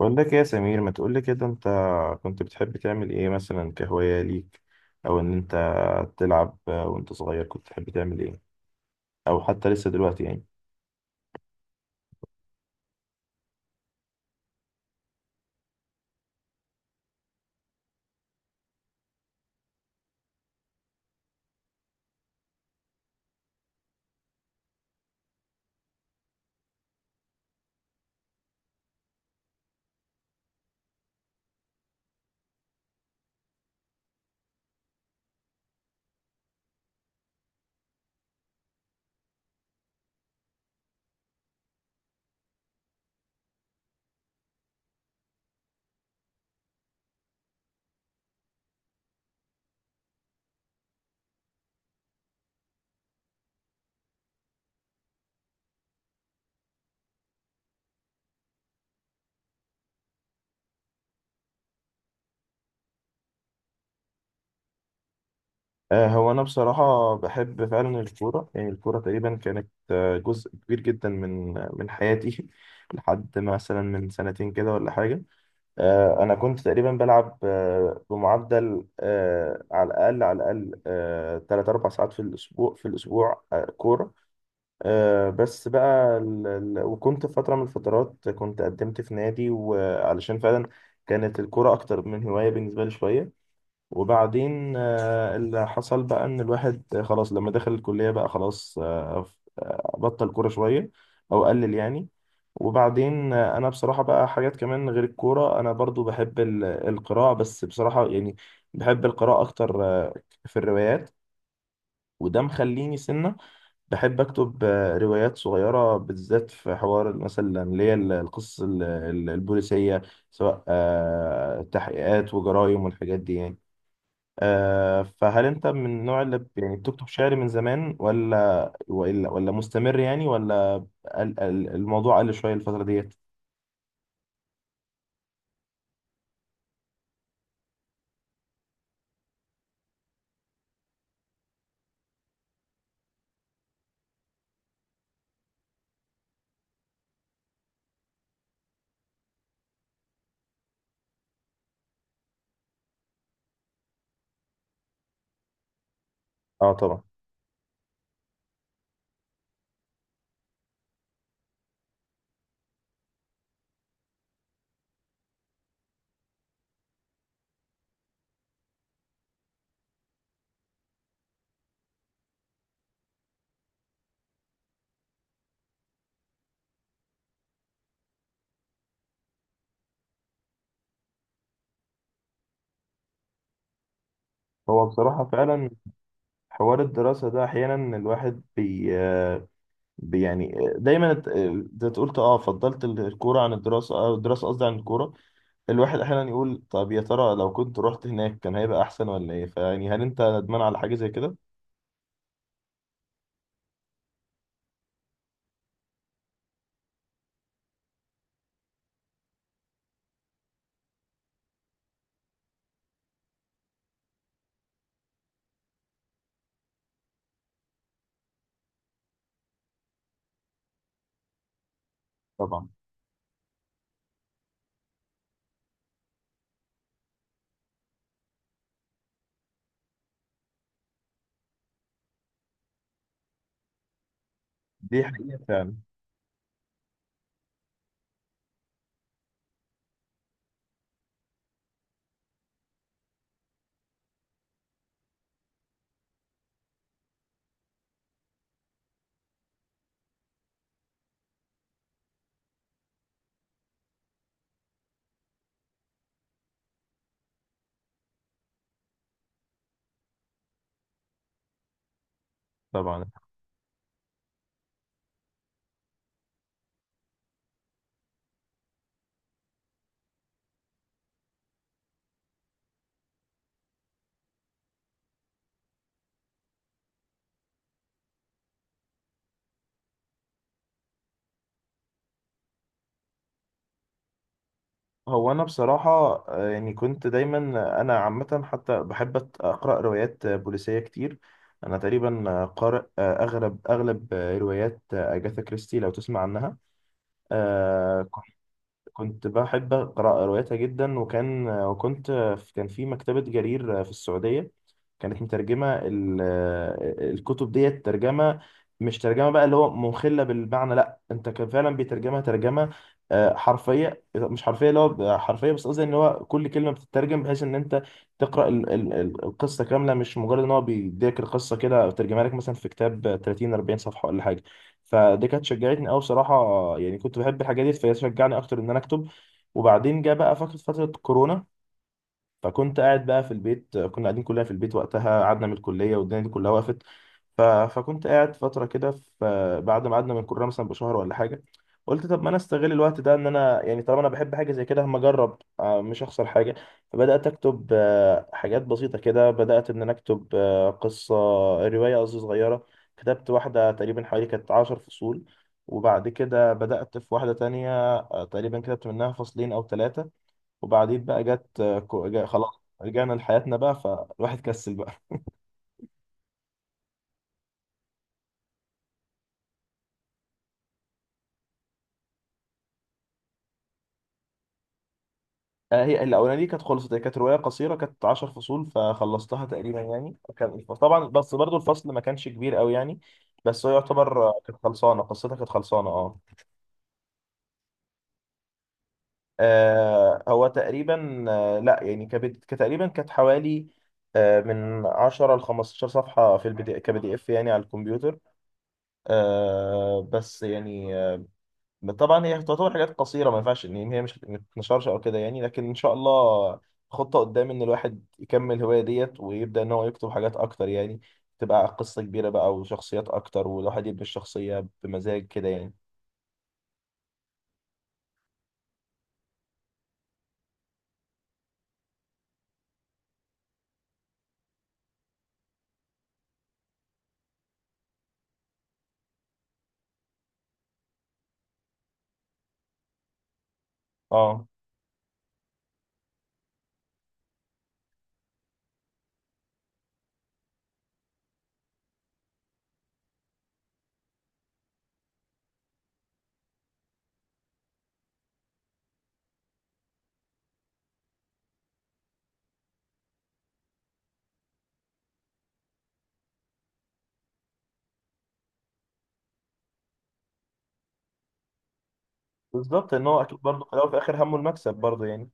بقول لك إيه يا سمير؟ ما تقول لي كده. انت كنت بتحب تعمل ايه مثلا كهواية ليك؟ او ان انت تلعب وانت صغير كنت بتحب تعمل ايه، او حتى لسه دلوقتي يعني؟ هو انا بصراحة بحب فعلا الكورة. يعني الكورة تقريبا كانت جزء كبير جدا من حياتي لحد مثلا من سنتين كده ولا حاجة. انا كنت تقريبا بلعب بمعدل على الاقل 3 4 ساعات في الاسبوع كورة. بس بقى وكنت في فترة من الفترات كنت قدمت في نادي، وعلشان فعلا كانت الكرة أكتر من هواية بالنسبة لي شوية. وبعدين اللي حصل بقى إن الواحد خلاص لما دخل الكلية بقى خلاص بطل كورة شوية، أو قلل يعني. وبعدين أنا بصراحة بقى حاجات كمان غير الكورة. أنا برضو بحب القراءة. بس بصراحة يعني بحب القراءة أكتر، في الروايات. وده مخليني سنة بحب أكتب روايات صغيرة، بالذات في حوار مثلا، اللي هي القصص البوليسية، سواء تحقيقات وجرايم والحاجات دي يعني. فهل أنت من النوع اللي يعني بتكتب شعر من زمان، ولا مستمر يعني، ولا الموضوع قل شوية الفترة ديت؟ اه طبعا. هو بصراحة فعلا حوار الدراسة ده أحيانا الواحد يعني دايما أنت تقول فضلت الكورة عن الدراسة، الدراسة قصدي عن الكورة. الواحد احيانا يقول طب يا ترى لو كنت رحت هناك كان هيبقى احسن ولا ايه؟ فيعني هل انت ندمان على حاجه زي كده؟ طبعا. دي حقيقه فعلا. طبعا. هو انا بصراحه، يعني كنت دايما انا عامه حتى بحب اقرا روايات بوليسيه كتير. انا تقريبا قارئ اغلب روايات اجاثا كريستي، لو تسمع عنها. آه كنت بحب أقرأ رواياتها جدا. وكان وكنت كان في مكتبة جرير في السعودية، كانت مترجمة الكتب ديت ترجمة. مش ترجمة بقى اللي هو مخلة بالمعنى، لا، انت كان فعلا بيترجمها ترجمة حرفية. مش حرفية اللي هو حرفية، بس قصدي ان هو كل كلمة بتترجم، بحيث ان انت تقرأ القصة كاملة. مش مجرد ان هو بيديك القصة كده، ترجمها لك مثلا في كتاب 30 40 صفحة ولا حاجة. فدي كانت شجعتني قوي بصراحه. يعني كنت بحب الحاجات دي، فهي شجعني اكتر ان انا اكتب. وبعدين جه بقى فكره فتره كورونا، فكنت قاعد بقى في البيت. كنا قاعدين كلنا في البيت وقتها، قعدنا من الكلية والدنيا دي كلها وقفت. فكنت قاعد فترة كده، بعد ما قعدنا من الكلية مثلا بشهر ولا حاجة قلت طب ما انا استغل الوقت ده، ان انا يعني طالما انا بحب حاجة زي كده، هما اجرب، مش هخسر حاجة. فبدأت اكتب حاجات بسيطة كده. بدأت ان انا اكتب قصة، رواية قصدي، صغيرة. كتبت واحدة تقريبا حوالي كانت 10 فصول، وبعد كده بدأت في واحدة تانية، تقريبا كتبت منها فصلين أو ثلاثة. وبعدين بقى جت آه، كو- جا- خلاص رجعنا لحياتنا بقى، فالواحد كسل بقى. هي الاولانيه دي كانت خلصت. هي كانت روايه قصيره، كانت 10 فصول، فخلصتها تقريبا يعني. كان طبعا بس برضو الفصل ما كانش كبير قوي يعني. بس هو يعتبر كانت خلصانه، قصتها كانت خلصانه، اه. هو تقريبا لا يعني كانت تقريبا، كانت حوالي من 10 ل 15 صفحه في البي دي اف يعني، على الكمبيوتر، بس يعني طبعا هي تعتبر حاجات قصيره، ما ينفعش ان هي مش ما تتنشرش او كده يعني. لكن ان شاء الله خطه قدام ان الواحد يكمل الهوايه ديت، ويبدا ان هو يكتب حاجات اكتر يعني، تبقى قصه كبيره بقى وشخصيات اكتر، والواحد يبني الشخصيه بمزاج كده يعني. اه بالظبط، ان هو اكيد برضه في الاول وفي الاخر همه المكسب برضه يعني.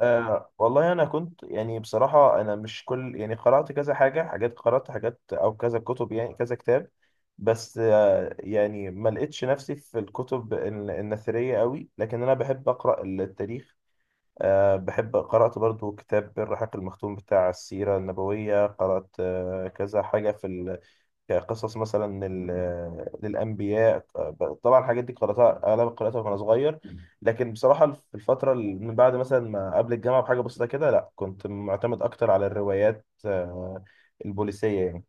أه والله انا كنت يعني بصراحه، انا مش كل يعني، قرات كذا حاجه، حاجات قرات حاجات او كذا كتب يعني كذا كتاب. بس أه يعني ما لقيتش نفسي في الكتب النثريه قوي، لكن انا بحب اقرا التاريخ. أه بحب. قرات برضو كتاب الرحاق المختوم بتاع السيره النبويه، قرات أه كذا حاجه، في كقصص مثلا للأنبياء. طبعا الحاجات دي قرأتها، أغلب قرأتها وأنا صغير. لكن بصراحة في الفترة اللي من بعد مثلا، ما قبل الجامعة بحاجة بسيطة كده، لا، كنت معتمد أكتر على الروايات البوليسية يعني.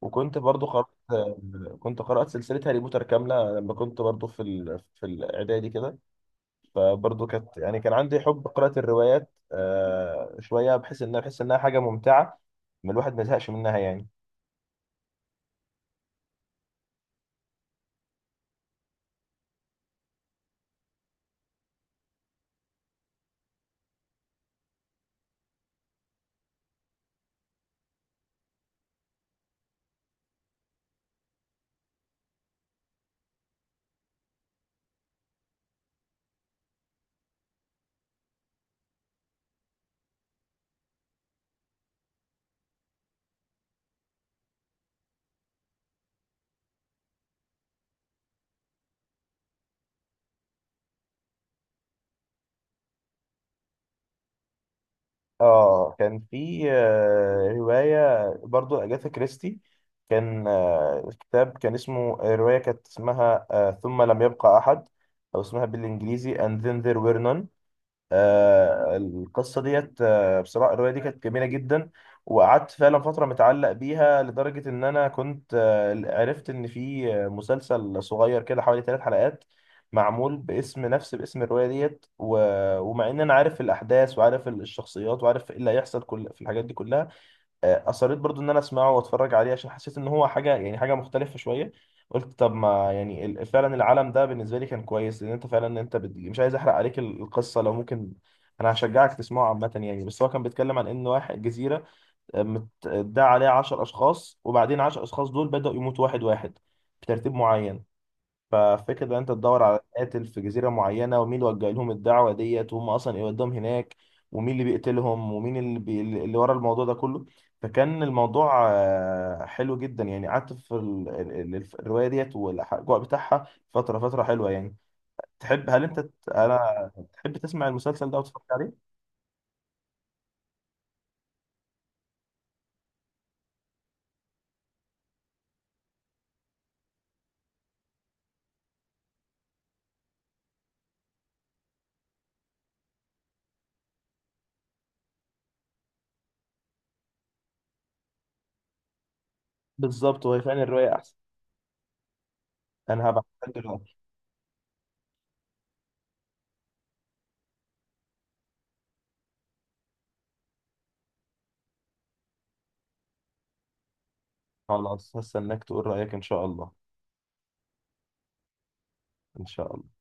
وكنت برضو قرأت آه، كنت قرأت سلسلة هاري بوتر كاملة لما كنت برضو في في الإعدادي كده. فبرضو كانت يعني كان عندي حب قراءة الروايات شوية، بحيث إنها بحس إنها حاجة ممتعة، ما الواحد ما يزهقش منها يعني. اه كان في رواية برضو أجاثا كريستي. كان الكتاب كان اسمه، رواية كانت اسمها "ثم لم يبقى أحد"، أو اسمها بالإنجليزي "And Then There Were None". القصة ديت بصراحة الرواية دي كانت جميلة جدا، وقعدت فعلا فترة متعلق بيها، لدرجة إن أنا كنت عرفت إن في مسلسل صغير كده حوالي ثلاث حلقات، معمول باسم الرواية ديت. ومع إن أنا عارف الأحداث وعارف الشخصيات وعارف إيه اللي هيحصل كل في الحاجات دي كلها، اصريت برضو ان انا اسمعه واتفرج عليه، عشان حسيت ان هو حاجه يعني حاجه مختلفه شويه. قلت طب ما يعني فعلا العالم ده بالنسبه لي كان كويس، لان انت فعلا مش عايز احرق عليك القصه لو ممكن. انا هشجعك تسمعه عامه يعني. بس هو كان بيتكلم عن ان واحد جزيره متداعى عليها 10 اشخاص، وبعدين 10 اشخاص دول بداوا يموتوا واحد واحد بترتيب معين. ففكرة ان انت تدور على قاتل في جزيرة معينة، ومين اللي وجه لهم الدعوة ديت، وهم اصلا ايه قدام هناك، ومين اللي بيقتلهم، ومين اللي ورا الموضوع ده كله. فكان الموضوع حلو جدا يعني، قعدت في الرواية ديت والاجواء بتاعها فترة، فترة حلوة يعني. تحب، هل انت ت- انا تحب تسمع المسلسل ده وتتفرج عليه؟ بالظبط، وهي فعلا الرواية احسن. انا هبعتها لك دلوقتي. خلاص هستناك تقول رأيك ان شاء الله. ان شاء الله.